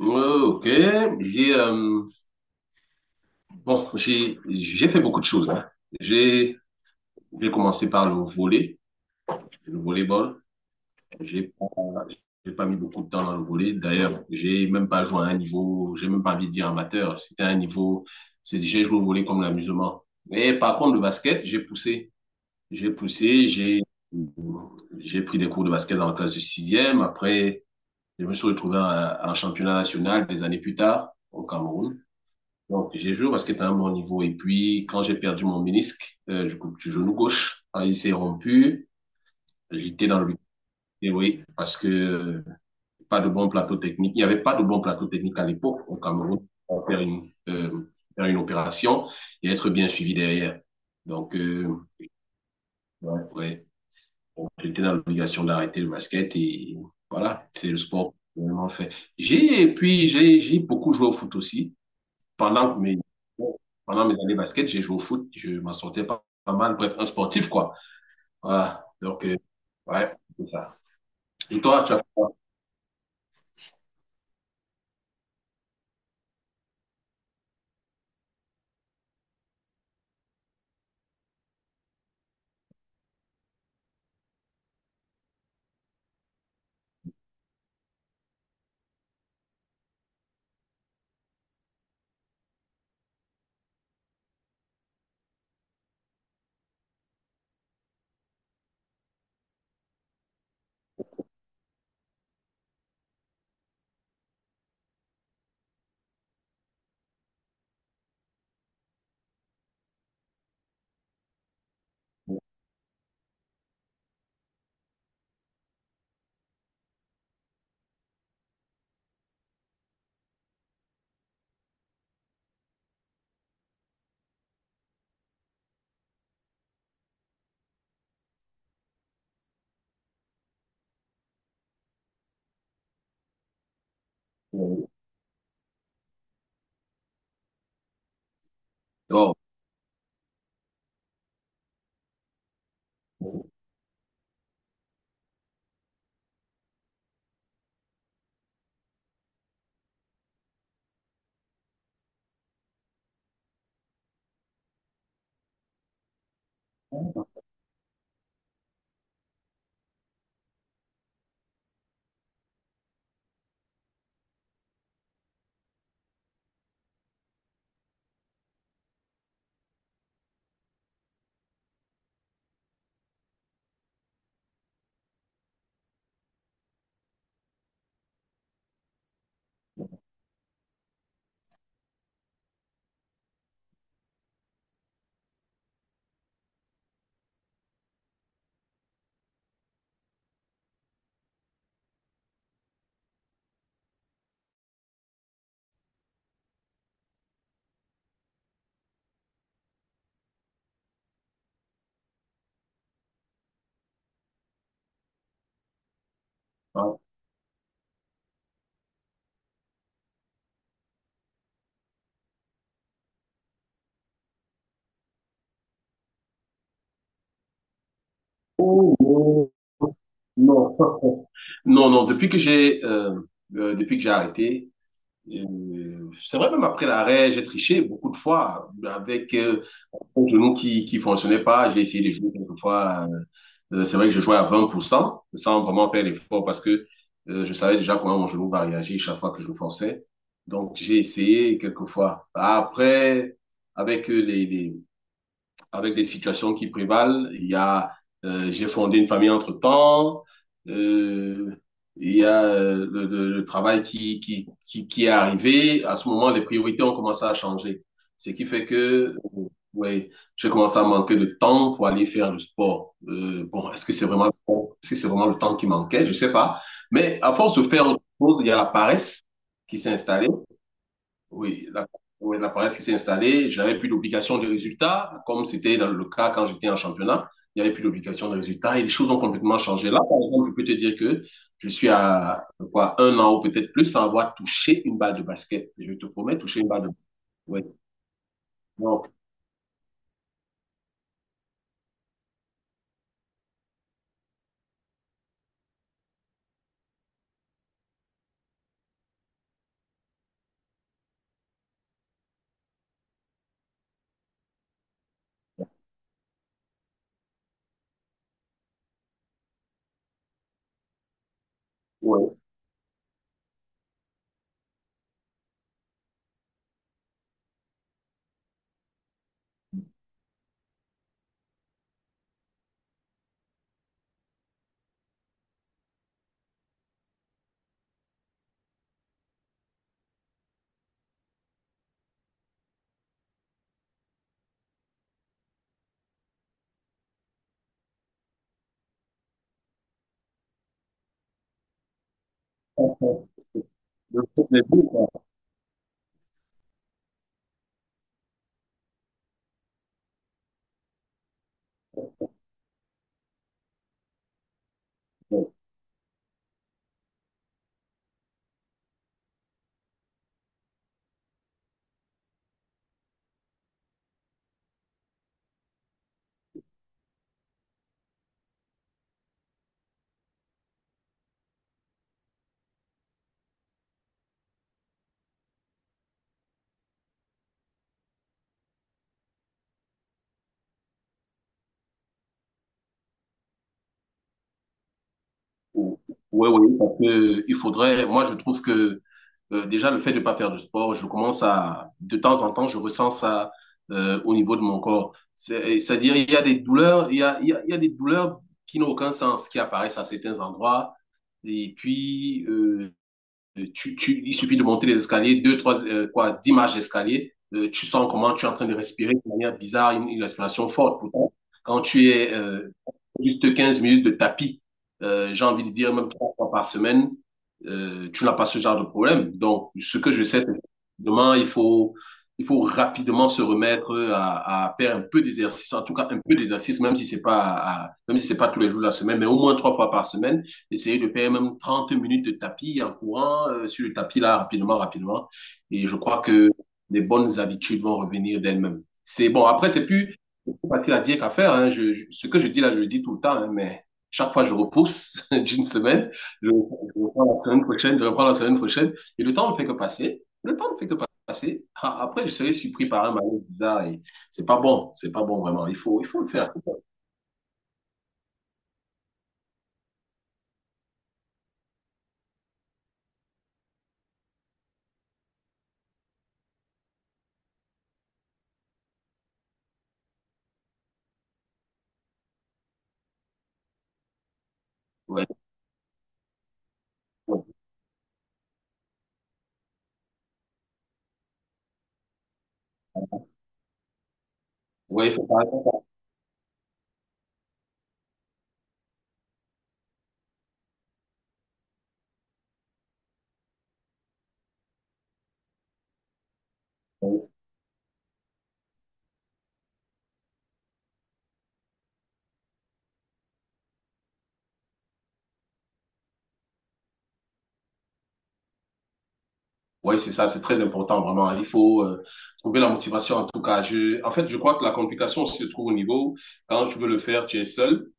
Euh, ok, j'ai bon, j'ai fait beaucoup de choses, hein. J'ai j'ai commencé par le volley, le volleyball. J'ai pas j'ai pas mis beaucoup de temps dans le volley. D'ailleurs, j'ai même pas joué à un niveau, j'ai même pas envie de dire amateur. C'était un niveau, c'est j'ai joué au volley comme l'amusement. Mais par contre, le basket, j'ai poussé, j'ai poussé, j'ai j'ai pris des cours de basket dans la classe de sixième. Après, je me suis retrouvé à un championnat national des années plus tard au Cameroun. Donc, j'ai joué au basket à un bon niveau. Et puis, quand j'ai perdu mon ménisque du, coup, du genou gauche, quand il s'est rompu, j'étais dans le et oui, parce que pas de bon plateau technique. Il n'y avait pas de bon plateau technique à l'époque au Cameroun pour faire une opération et être bien suivi derrière. Donc, ouais, ouais. Donc, j'étais dans l'obligation d'arrêter le basket et voilà, c'est le sport que j'ai vraiment fait. J'ai, et puis, j'ai beaucoup joué au foot aussi. pendant mes, pendant mes années basket, j'ai joué au foot, je m'en sortais pas, pas mal. Bref, un sportif, quoi. Voilà. Donc, ouais, c'est ça. Et toi, tu as fait quoi? Euh, oh. Oh, oh. Non. Non, non, depuis que j'ai arrêté, c'est vrai, même après l'arrêt, j'ai triché beaucoup de fois avec mon genou qui fonctionnait pas. J'ai essayé de jouer quelques fois. C'est vrai que je jouais à 20% sans vraiment faire l'effort parce que je savais déjà comment mon genou va réagir chaque fois que je forçais. Donc, j'ai essayé quelques fois. Après, avec euh, les, les, avec des situations qui prévalent. J'ai fondé une famille entre-temps. Euh, il y a le travail qui est arrivé. À ce moment, les priorités ont commencé à changer. Ce qui fait que, ouais, j'ai commencé à manquer de temps pour aller faire le sport. Bon, est-ce que c'est vraiment le temps qui manquait? Je sais pas. Mais à force de faire autre chose, il y a la paresse qui s'est installée. Oui, la, oui, la paresse qui s'est installée, je n'avais plus d'obligation de résultat, comme c'était dans le cas quand j'étais en championnat. Il n'y avait plus d'obligation de résultat et les choses ont complètement changé. Là, par exemple, je peux te dire que je suis à quoi, 1 an ou peut-être plus sans avoir touché une balle de basket. Je te promets, toucher une balle de basket. Ouais. Donc, ouais. Le foot quoi. Ouais. Oui, oui, parce que il faudrait, moi je trouve que déjà le fait de ne pas faire de sport, je commence à, de temps en temps, je ressens ça au niveau de mon corps. C'est-à-dire, il y a des douleurs, il y a des douleurs qui n'ont aucun sens, qui apparaissent à certains endroits. Et puis, euh, Tu, tu, il suffit de monter les escaliers, deux, trois, quoi, 10 marches d'escalier. Euh, tu sens comment tu es en train de respirer de manière bizarre, une respiration forte. Pourtant, quand tu es juste 15 minutes de tapis, j'ai envie de dire même 3 fois par semaine, tu n'as pas ce genre de problème. Donc, ce que je sais, c'est que demain, il faut rapidement se remettre à faire un peu d'exercice, en tout cas un peu d'exercice, même si c'est pas tous les jours de la semaine, mais au moins 3 fois par semaine essayer de faire même 30 minutes de tapis en courant sur le tapis là rapidement, rapidement. Et je crois que les bonnes habitudes vont revenir d'elles-mêmes. C'est bon, après, c'est plus facile à dire qu'à faire, hein. Ce que je dis là, je le dis tout le temps, hein, mais chaque fois, je repousse d'une semaine. Je reprends la semaine prochaine, je reprends la semaine prochaine. Et le temps ne fait que passer. Le temps ne fait que passer. Ah, après, je serai surpris par un malaise bizarre et c'est pas bon. C'est pas bon, vraiment. Il faut le faire. Ouais, ouais, il faut faire attention. Oui, c'est ça, c'est très important, vraiment. Il faut trouver la motivation, en tout cas. En fait, je crois que la complication se trouve au niveau, quand tu veux le faire, tu es seul.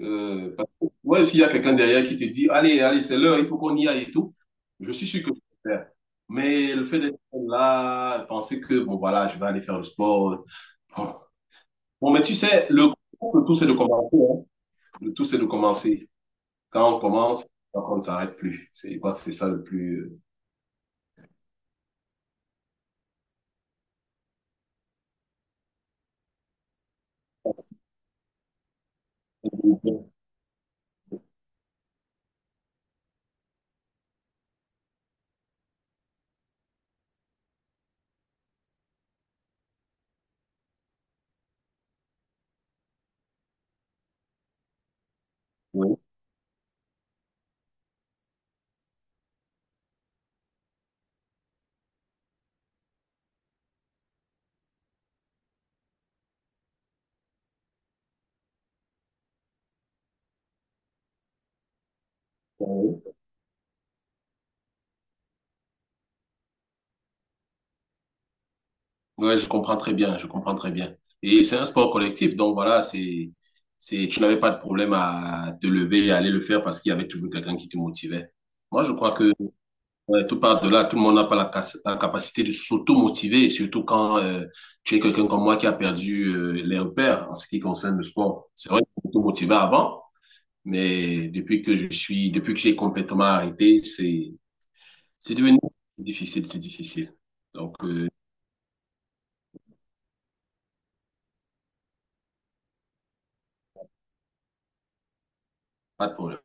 Parce que, ouais, s'il y a quelqu'un derrière qui te dit, allez, allez, c'est l'heure, il faut qu'on y aille et tout, je suis sûr que je peux le faire. Mais le fait d'être là, penser que, bon, voilà, je vais aller faire le sport. Bon, Bon, mais tu sais, le tout, c'est de commencer, hein. Le tout, c'est de commencer. Quand on commence, on ne s'arrête plus. C'est, je crois que c'est ça le plus... euh, Oui. Ouais, je comprends très bien, je comprends très bien. Et c'est un sport collectif, donc voilà, c'est, tu n'avais pas de problème à te lever et aller le faire parce qu'il y avait toujours quelqu'un qui te motivait. Moi, je crois que ouais, tout part de là, tout le monde n'a pas la capacité de s'auto-motiver, surtout quand tu es quelqu'un comme moi qui a perdu les repères en ce qui concerne le sport. C'est vrai que je m'auto-motivais avant, mais depuis que j'ai complètement arrêté, c'est devenu difficile, c'est difficile. Donc, pas de problème.